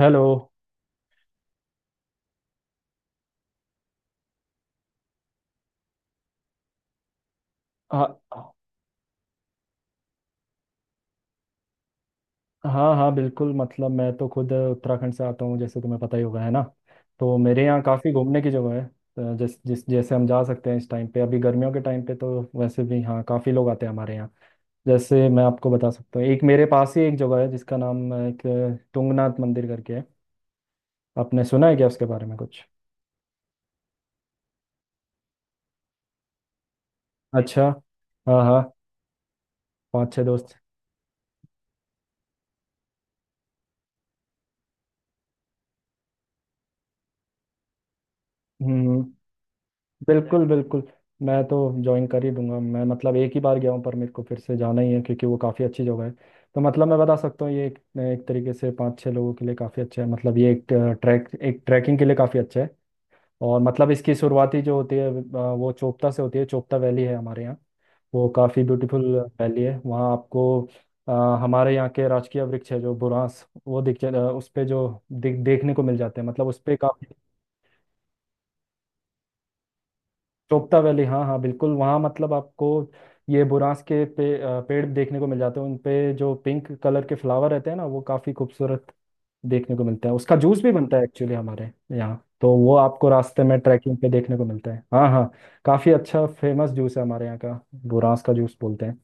Hello. हाँ हाँ, हाँ बिल्कुल। मतलब मैं तो खुद उत्तराखंड से आता हूँ, जैसे तुम्हें पता ही होगा है ना। तो मेरे यहाँ काफ़ी घूमने की जगह है, तो जिस जिस जैसे हम जा सकते हैं इस टाइम पे, अभी गर्मियों के टाइम पे तो वैसे भी हाँ काफ़ी लोग आते हैं हमारे यहाँ। जैसे मैं आपको बता सकता हूँ, एक मेरे पास ही एक जगह है जिसका नाम एक तुंगनाथ मंदिर करके है। आपने सुना है क्या उसके बारे में कुछ? अच्छा। हाँ हाँ। पाँच छः दोस्त। हम्म। बिल्कुल बिल्कुल। मैं तो ज्वाइन कर ही दूंगा। मैं मतलब एक ही बार गया हूँ, पर मेरे को फिर से जाना ही है क्योंकि वो काफ़ी अच्छी जगह है। तो मतलब मैं बता सकता हूँ ये एक तरीके से पाँच छः लोगों के लिए काफ़ी अच्छा है। मतलब ये एक ट्रैकिंग के लिए काफ़ी अच्छा है। और मतलब इसकी शुरुआती जो होती है वो चोपता से होती है। चोपता वैली है हमारे यहाँ। वो काफ़ी ब्यूटीफुल वैली है। वहाँ आपको अ, हमारे यहाँ के राजकीय वृक्ष है जो बुरांस, वो उस पे जो दिख देखने को मिल जाते हैं। मतलब उस पे काफ़ी। चोपता वैली हाँ हाँ बिल्कुल। वहाँ मतलब आपको ये बुरांस के पेड़ देखने को मिल जाते हैं, उन पे जो पिंक कलर के फ्लावर रहते हैं ना, वो काफ़ी खूबसूरत देखने को मिलता है। उसका जूस भी बनता है एक्चुअली हमारे यहाँ, तो वो आपको रास्ते में ट्रैकिंग पे देखने को मिलता है। हाँ हाँ। काफ़ी अच्छा फेमस जूस है हमारे यहाँ का, बुरांस का जूस बोलते हैं।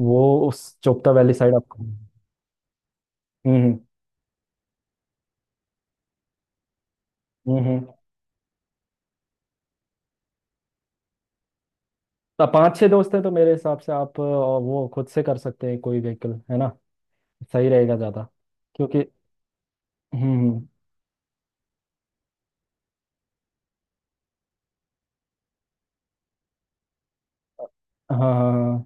वो उस चोपता वैली साइड आपको। हम्म। हम्म हम्म। तो पाँच छः दोस्त हैं तो मेरे हिसाब से आप वो खुद से कर सकते हैं, कोई व्हीकल है ना, सही रहेगा ज़्यादा। क्योंकि हम्म हम्म। हाँ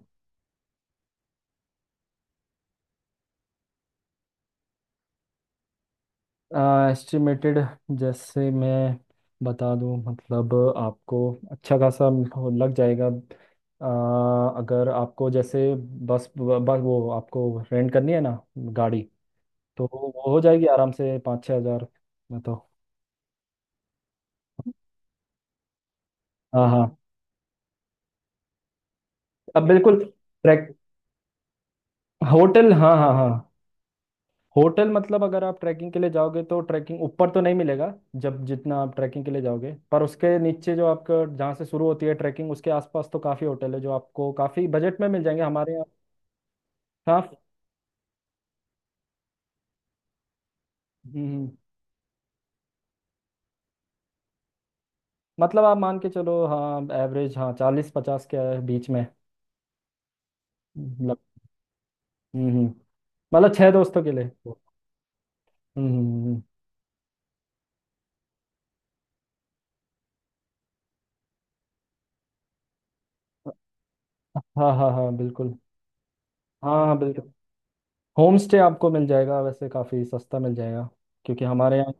एस्टिमेटेड। जैसे मैं बता दूं, मतलब आपको अच्छा खासा लग जाएगा। अगर आपको जैसे बस बस वो आपको रेंट करनी है ना गाड़ी, तो वो हो जाएगी आराम से 5-6 हज़ार में तो। हाँ हाँ। अब बिल्कुल ट्रैक होटल हाँ हाँ हाँ। होटल मतलब अगर आप ट्रैकिंग के लिए जाओगे तो ट्रैकिंग ऊपर तो नहीं मिलेगा, जब जितना आप ट्रैकिंग के लिए जाओगे। पर उसके नीचे जो आपका जहाँ से शुरू होती है ट्रैकिंग, उसके आसपास तो काफ़ी होटल है जो आपको काफ़ी बजट में मिल जाएंगे हमारे यहाँ। हाँ। हम्म, हम्म। मतलब आप मान के चलो हाँ एवरेज हाँ चालीस पचास के बीच में। मतलब हम्म हम्म। मतलब छह दोस्तों के लिए। हम्म, हम्म। हम्म। हाँ हाँ हाँ बिल्कुल। हाँ हाँ बिल्कुल। होम स्टे आपको मिल जाएगा, वैसे काफ़ी सस्ता मिल जाएगा क्योंकि हमारे यहाँ।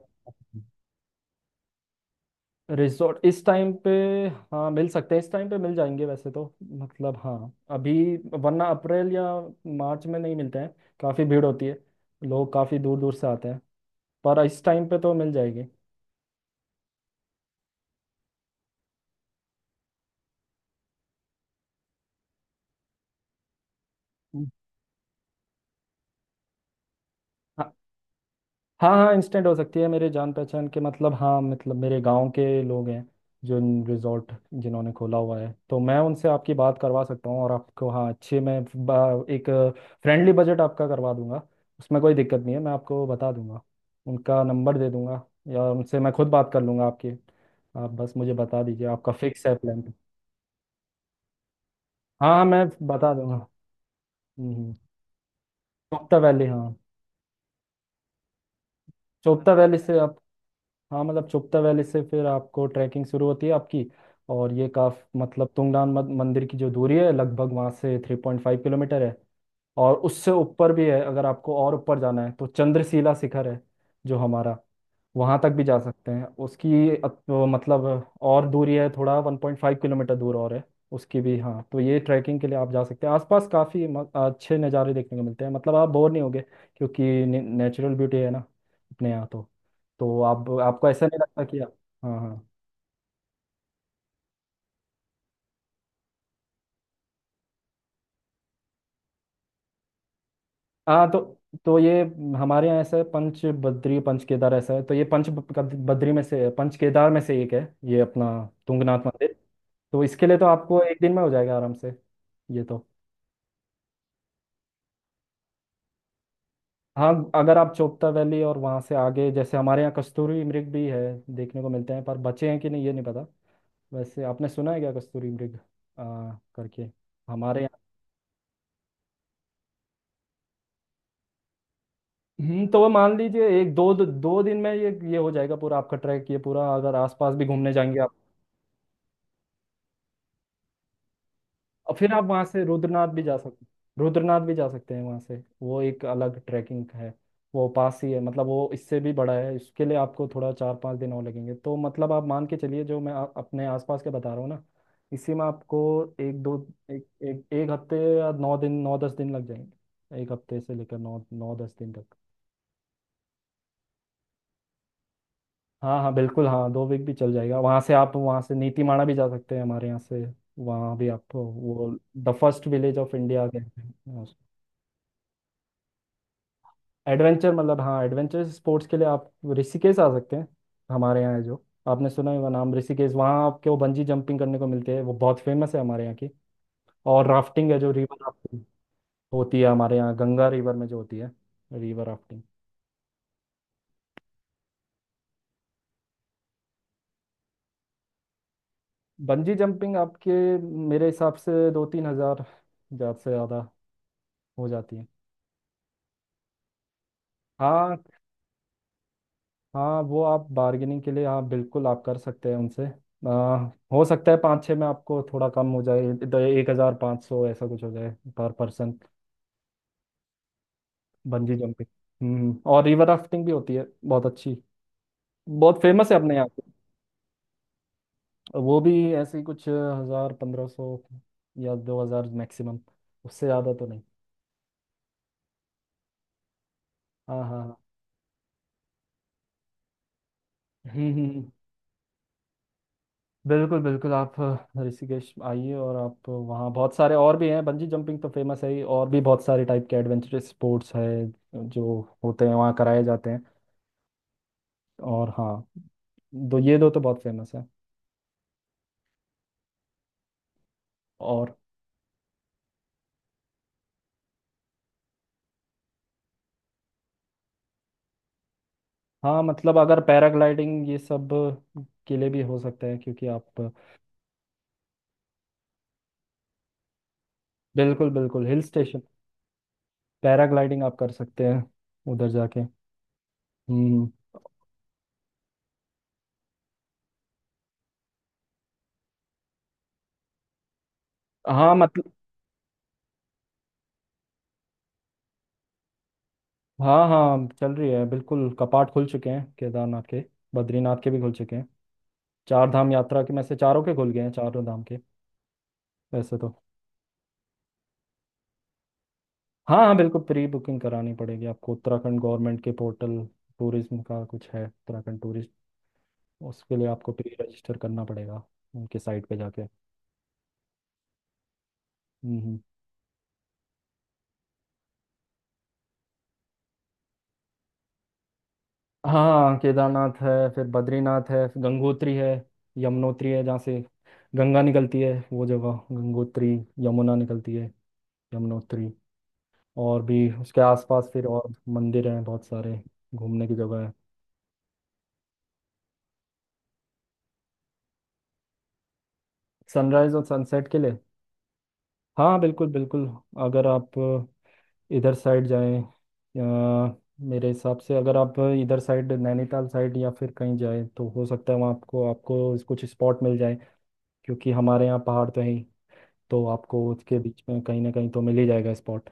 रिजॉर्ट इस टाइम पे हाँ मिल सकते हैं, इस टाइम पे मिल जाएंगे वैसे तो। मतलब हाँ अभी। वरना अप्रैल या मार्च में नहीं मिलते हैं, काफ़ी भीड़ होती है, लोग काफ़ी दूर दूर से आते हैं। पर इस टाइम पे तो मिल जाएगी। हम्म। हाँ, हाँ हाँ इंस्टेंट हो सकती है। मेरे जान पहचान के मतलब हाँ, मतलब मेरे गांव के लोग हैं जो रिजॉर्ट जिन्होंने खोला हुआ है, तो मैं उनसे आपकी बात करवा सकता हूँ और आपको हाँ अच्छे मैं एक फ्रेंडली बजट आपका करवा दूंगा। उसमें कोई दिक्कत नहीं है, मैं आपको बता दूंगा, उनका नंबर दे दूंगा या उनसे मैं खुद बात कर लूंगा आपकी। आप बस मुझे बता दीजिए आपका फिक्स है प्लान। हाँ हाँ मैं बता दूंगा। हम्म हम्म। चोपता वैली हाँ। चोपता वैली से आप, हाँ मतलब चुपता वैली से फिर आपको ट्रैकिंग शुरू होती है आपकी। और ये काफ मतलब तुंगनाथ मंदिर की जो दूरी है लगभग वहाँ से 3.5 किलोमीटर है। और उससे ऊपर भी है, अगर आपको और ऊपर जाना है तो चंद्रशिला शिखर है जो हमारा, वहाँ तक भी जा सकते हैं उसकी मतलब और दूरी है थोड़ा 1.5 किलोमीटर दूर और है उसकी भी। हाँ तो ये ट्रैकिंग के लिए आप जा सकते हैं। आसपास काफ़ी अच्छे नज़ारे देखने को मिलते हैं, मतलब आप बोर नहीं होगे क्योंकि नेचुरल ब्यूटी है ना अपने यहाँ तो। तो आप आपको ऐसा नहीं लगता कि आप। हाँ हाँ हाँ। तो ये हमारे यहाँ ऐसा है, पंच बद्री पंच केदार ऐसा है। तो ये बद्री में से पंच केदार में से एक है, ये अपना तुंगनाथ मंदिर। तो इसके लिए तो आपको 1 दिन में हो जाएगा आराम से ये तो। हाँ अगर आप चोपता वैली और वहाँ से आगे, जैसे हमारे यहाँ कस्तूरी मृग भी है, देखने को मिलते हैं पर बचे हैं कि नहीं ये नहीं पता। वैसे आपने सुना है क्या कस्तूरी मृग करके हमारे यहाँ? हम्म। तो वो मान लीजिए एक दो दो दिन में ये हो जाएगा पूरा आपका ट्रैक, ये पूरा अगर आसपास भी घूमने जाएंगे। और फिर आप वहाँ से रुद्रनाथ भी जा सकते हैं वहाँ से, वो एक अलग ट्रैकिंग है। वो पास ही है, मतलब वो इससे भी बड़ा है, इसके लिए आपको थोड़ा 4-5 दिन और लगेंगे। तो मतलब आप मान के चलिए जो मैं अपने आसपास के बता रहा हूँ ना, इसी में आपको एक दो एक एक, एक हफ्ते या 9-10 दिन लग जाएंगे, एक हफ्ते से लेकर नौ नौ दस दिन तक। हाँ हाँ बिल्कुल, हाँ 2 वीक भी चल जाएगा। वहाँ से आप, वहाँ से नीतीमाणा भी जा सकते हैं हमारे यहाँ से। वहाँ भी आप वो the first village of India कहते हैं। एडवेंचर मतलब हाँ एडवेंचर स्पोर्ट्स के लिए आप ऋषिकेश आ सकते हैं, हमारे यहाँ है जो, आपने सुना है वो नाम ऋषिकेश। वहाँ आपको बंजी जंपिंग करने को मिलते हैं, वो बहुत फेमस है हमारे यहाँ की। और राफ्टिंग है जो रिवर राफ्टिंग होती है हमारे यहाँ गंगा रिवर में जो होती है, रिवर राफ्टिंग। बंजी जंपिंग आपके मेरे हिसाब से 2-3 हज़ार ज़्यादा से ज़्यादा हो जाती है। हाँ हाँ वो आप बार्गेनिंग के लिए हाँ बिल्कुल आप कर सकते हैं उनसे। आ, हो सकता है पाँच छः में आपको थोड़ा कम हो जाए, तो 1,500 ऐसा कुछ हो जाए पर पर्सन, बंजी जंपिंग। हम्म। और रिवर राफ्टिंग भी होती है बहुत अच्छी, बहुत फेमस है अपने यहाँ पे। वो भी ऐसे ही कुछ हज़ार 1,500 या 2,000 मैक्सिमम, उससे ज़्यादा तो नहीं। हाँ हाँ हाँ। हम्म हम्म, हम्म। बिल्कुल बिल्कुल आप ऋषिकेश आइए, और आप वहाँ बहुत सारे और भी हैं, बंजी जंपिंग तो फेमस है ही, और भी बहुत सारे टाइप के एडवेंचरस स्पोर्ट्स है जो होते हैं वहाँ, कराए जाते हैं। और हाँ दो ये दो तो बहुत फेमस है। और हाँ मतलब अगर पैराग्लाइडिंग ये सब के लिए भी हो सकता है क्योंकि आप। बिल्कुल बिल्कुल हिल स्टेशन। पैराग्लाइडिंग आप कर सकते हैं उधर जाके। हम्म। हाँ मतलब हाँ हाँ चल रही है बिल्कुल। कपाट खुल चुके हैं केदारनाथ के, बद्रीनाथ के भी खुल चुके हैं। चार धाम यात्रा के में से चारों के खुल गए हैं चारों धाम के। वैसे तो हाँ हाँ बिल्कुल प्री बुकिंग करानी पड़ेगी आपको उत्तराखंड गवर्नमेंट के पोर्टल, टूरिज्म का कुछ है उत्तराखंड टूरिस्ट। उसके लिए आपको प्री रजिस्टर करना पड़ेगा उनके साइट पे जाके। हम्म हम्म। हाँ केदारनाथ है, फिर बद्रीनाथ है, फिर गंगोत्री है, यमुनोत्री है। जहाँ से गंगा निकलती है वो जगह गंगोत्री, यमुना निकलती है यमुनोत्री। और भी उसके आसपास फिर और मंदिर हैं बहुत सारे, घूमने की जगह है। सनराइज और सनसेट के लिए हाँ बिल्कुल बिल्कुल, अगर आप इधर साइड जाएं या मेरे हिसाब से अगर आप इधर साइड नैनीताल साइड या फिर कहीं जाएं तो हो सकता है वहाँ आपको आपको कुछ स्पॉट मिल जाए, क्योंकि हमारे यहाँ पहाड़ तो है ही, तो आपको उसके बीच में कहीं ना कहीं तो मिल ही जाएगा स्पॉट,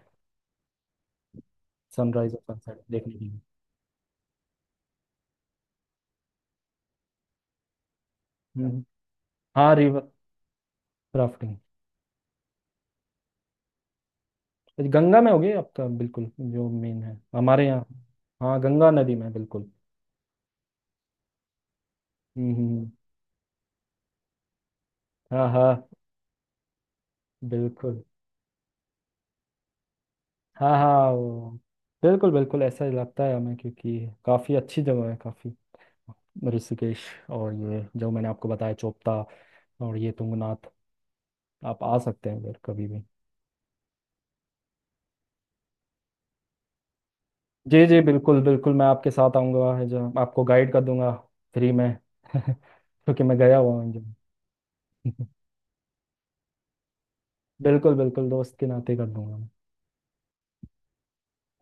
सनराइज और सनसेट देखने के लिए। हम्म, हम्म। हाँ रिवर राफ्टिंग। गंगा में होगी आपका, बिल्कुल जो मेन है हमारे यहाँ। हाँ गंगा नदी में बिल्कुल। हम्म हम्म, हम्म। हाँ हाँ बिल्कुल। हाँ हाँ वो-, बिल्कुल बिल्कुल ऐसा ही लगता है हमें, क्योंकि काफ़ी अच्छी जगह है काफ़ी, ऋषिकेश और ये जो मैंने आपको बताया चोपता और ये तुंगनाथ। आप आ सकते हैं उधर कभी भी। जी जी बिल्कुल बिल्कुल, मैं आपके साथ आऊँगा जो, आपको गाइड कर दूंगा फ्री में क्योंकि मैं गया हुआ हूँ जो। बिल्कुल बिल्कुल दोस्त के नाते कर दूंगा मैं।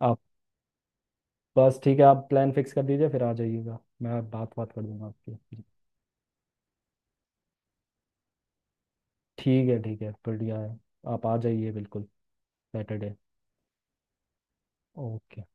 आप, बस ठीक है आप प्लान फिक्स कर दीजिए, फिर आ जाइएगा, मैं बात बात कर दूंगा आपकी। जी, ठीक है ठीक है, बढ़िया है। आप आ जाइए बिल्कुल। सैटरडे। ओके।